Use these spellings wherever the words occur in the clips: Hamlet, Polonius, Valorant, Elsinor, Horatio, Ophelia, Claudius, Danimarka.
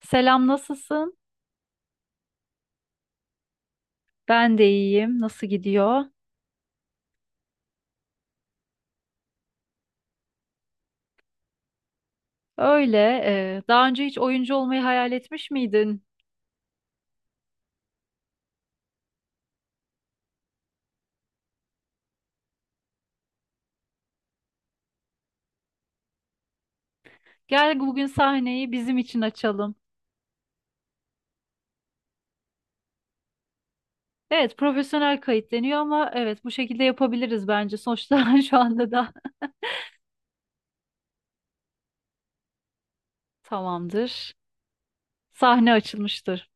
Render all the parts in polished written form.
Selam, nasılsın? Ben de iyiyim. Nasıl gidiyor? Öyle. Daha önce hiç oyuncu olmayı hayal etmiş miydin? Gel bugün sahneyi bizim için açalım. Evet, profesyonel kayıt deniyor ama evet bu şekilde yapabiliriz bence. Sonuçta şu anda da tamamdır. Sahne açılmıştır.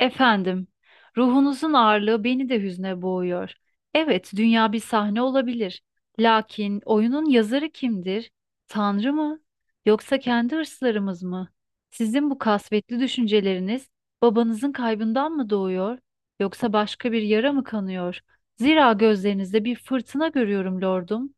Efendim, ruhunuzun ağırlığı beni de hüzne boğuyor. Evet, dünya bir sahne olabilir. Lakin oyunun yazarı kimdir? Tanrı mı? Yoksa kendi hırslarımız mı? Sizin bu kasvetli düşünceleriniz babanızın kaybından mı doğuyor? Yoksa başka bir yara mı kanıyor? Zira gözlerinizde bir fırtına görüyorum lordum.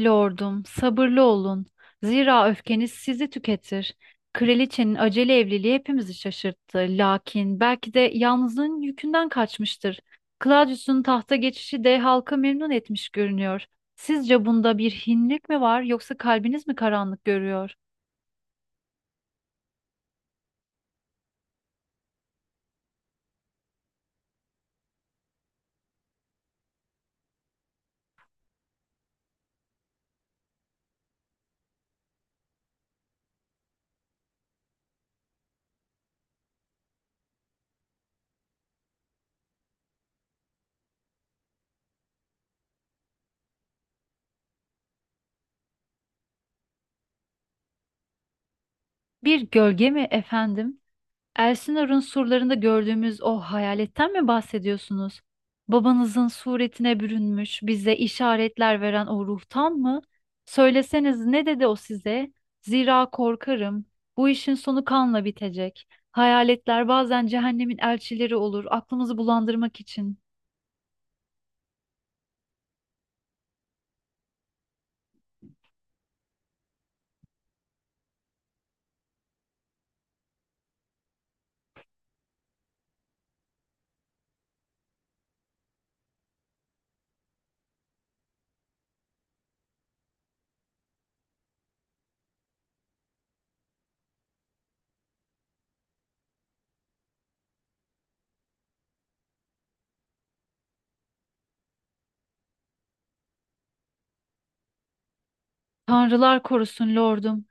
Lordum, sabırlı olun. Zira öfkeniz sizi tüketir. Kraliçenin acele evliliği hepimizi şaşırttı. Lakin belki de yalnızlığın yükünden kaçmıştır. Claudius'un tahta geçişi de halkı memnun etmiş görünüyor. Sizce bunda bir hinlik mi var yoksa kalbiniz mi karanlık görüyor? Bir gölge mi efendim? Elsinor'un surlarında gördüğümüz o hayaletten mi bahsediyorsunuz? Babanızın suretine bürünmüş, bize işaretler veren o ruhtan mı? Söyleseniz ne dedi o size? Zira korkarım. Bu işin sonu kanla bitecek. Hayaletler bazen cehennemin elçileri olur, aklımızı bulandırmak için. Tanrılar korusun lordum.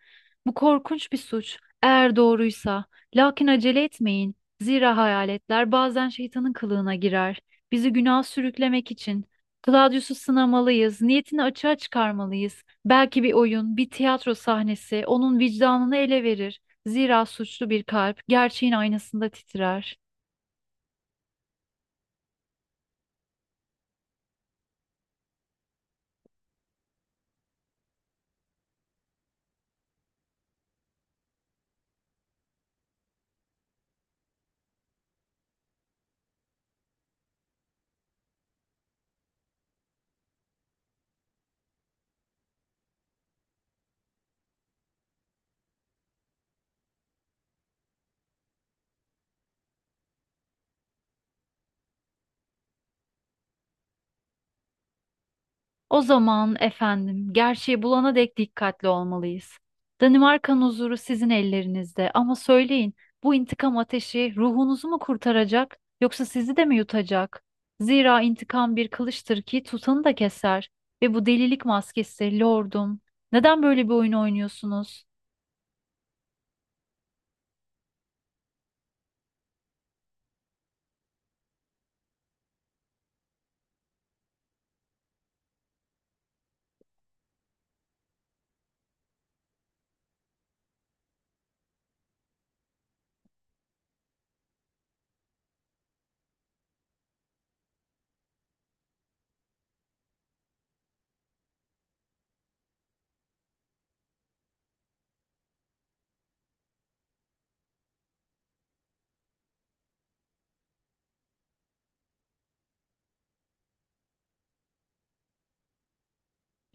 Bu korkunç bir suç. Eğer doğruysa. Lakin acele etmeyin. Zira hayaletler bazen şeytanın kılığına girer. Bizi günah sürüklemek için. Claudius'u sınamalıyız. Niyetini açığa çıkarmalıyız. Belki bir oyun, bir tiyatro sahnesi onun vicdanını ele verir. Zira suçlu bir kalp gerçeğin aynasında titrer. O zaman efendim, gerçeği bulana dek dikkatli olmalıyız. Danimarka'nın huzuru sizin ellerinizde ama söyleyin, bu intikam ateşi ruhunuzu mu kurtaracak yoksa sizi de mi yutacak? Zira intikam bir kılıçtır ki tutanı da keser ve bu delilik maskesi lordum. Neden böyle bir oyun oynuyorsunuz?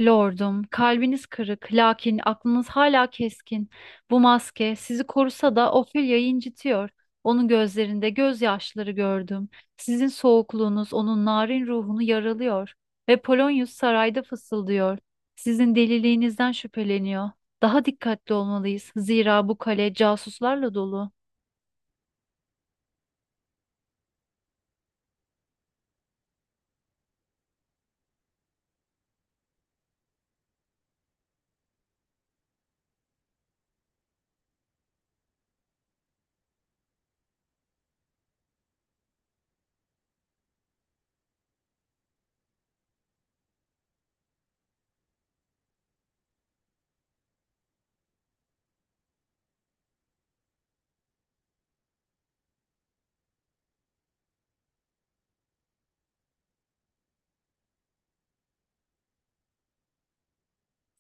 Lordum, kalbiniz kırık, lakin aklınız hala keskin. Bu maske sizi korusa da Ophelia'yı incitiyor. Onun gözlerinde gözyaşları gördüm. Sizin soğukluğunuz onun narin ruhunu yaralıyor. Ve Polonius sarayda fısıldıyor. Sizin deliliğinizden şüpheleniyor. Daha dikkatli olmalıyız. Zira bu kale casuslarla dolu.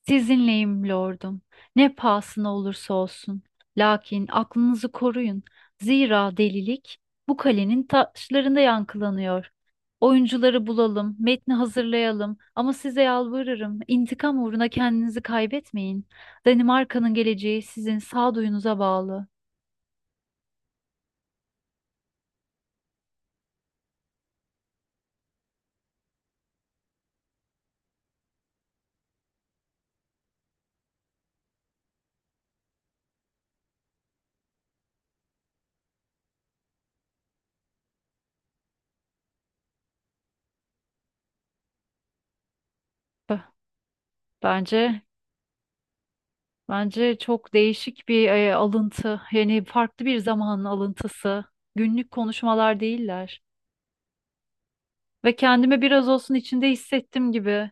Sizinleyim lordum. Ne pahasına olursa olsun. Lakin aklınızı koruyun. Zira delilik bu kalenin taşlarında yankılanıyor. Oyuncuları bulalım, metni hazırlayalım ama size yalvarırım, intikam uğruna kendinizi kaybetmeyin. Danimarka'nın geleceği sizin sağduyunuza bağlı. B- Bence çok değişik bir alıntı. Yani farklı bir zamanın alıntısı. Günlük konuşmalar değiller. Ve kendimi biraz olsun içinde hissettim gibi.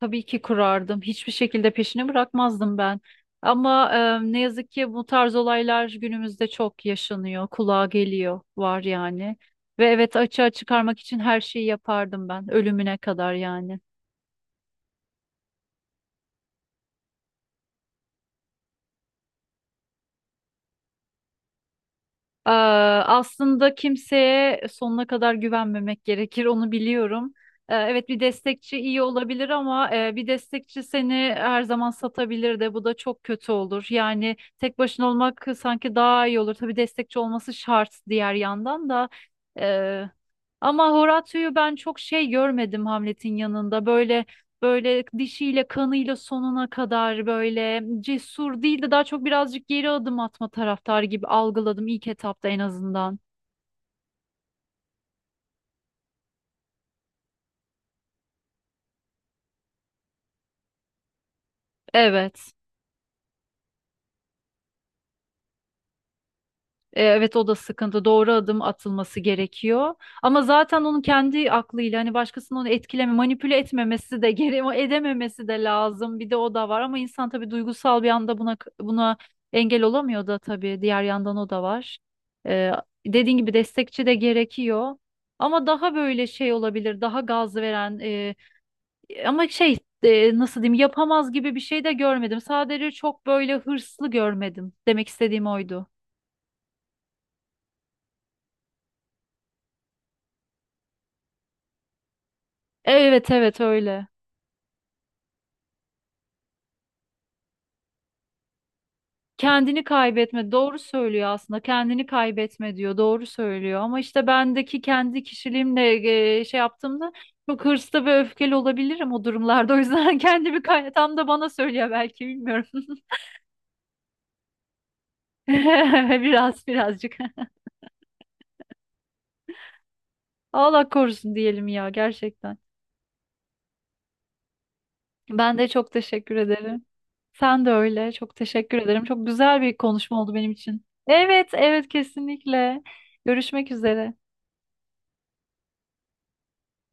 Tabii ki kurardım. Hiçbir şekilde peşini bırakmazdım ben. Ama ne yazık ki bu tarz olaylar günümüzde çok yaşanıyor, kulağa geliyor, var yani. Ve evet, açığa çıkarmak için her şeyi yapardım ben, ölümüne kadar yani. Ee, Aslında kimseye sonuna kadar güvenmemek gerekir, onu biliyorum. Evet, bir destekçi iyi olabilir ama bir destekçi seni her zaman satabilir de, bu da çok kötü olur. Yani tek başına olmak sanki daha iyi olur. Tabii destekçi olması şart diğer yandan da. Ee, Ama Horatio'yu ben çok şey görmedim Hamlet'in yanında. Böyle dişiyle kanıyla sonuna kadar böyle cesur değil de daha çok birazcık geri adım atma taraftarı gibi algıladım ilk etapta en azından. Evet. Evet, o da sıkıntı. Doğru adım atılması gerekiyor. Ama zaten onun kendi aklıyla hani başkasının onu etkileme, manipüle etmemesi de gere edememesi de lazım. Bir de o da var ama insan tabii duygusal bir anda buna engel olamıyor da tabii diğer yandan o da var. E, Dediğin gibi destekçi de gerekiyor. Ama daha böyle şey olabilir, daha gaz veren ama nasıl diyeyim yapamaz gibi bir şey de görmedim. Sadece çok böyle hırslı görmedim. Demek istediğim oydu. Evet, evet öyle. Kendini kaybetme doğru söylüyor, aslında kendini kaybetme diyor, doğru söylüyor ama işte bendeki kendi kişiliğimle şey yaptığımda çok hırslı ve öfkeli olabilirim o durumlarda, o yüzden kendimi kay tam da bana söylüyor belki, bilmiyorum biraz birazcık Allah korusun diyelim ya, gerçekten ben de çok teşekkür ederim, sen de öyle, çok teşekkür ederim, çok güzel bir konuşma oldu benim için, evet, evet kesinlikle görüşmek üzere.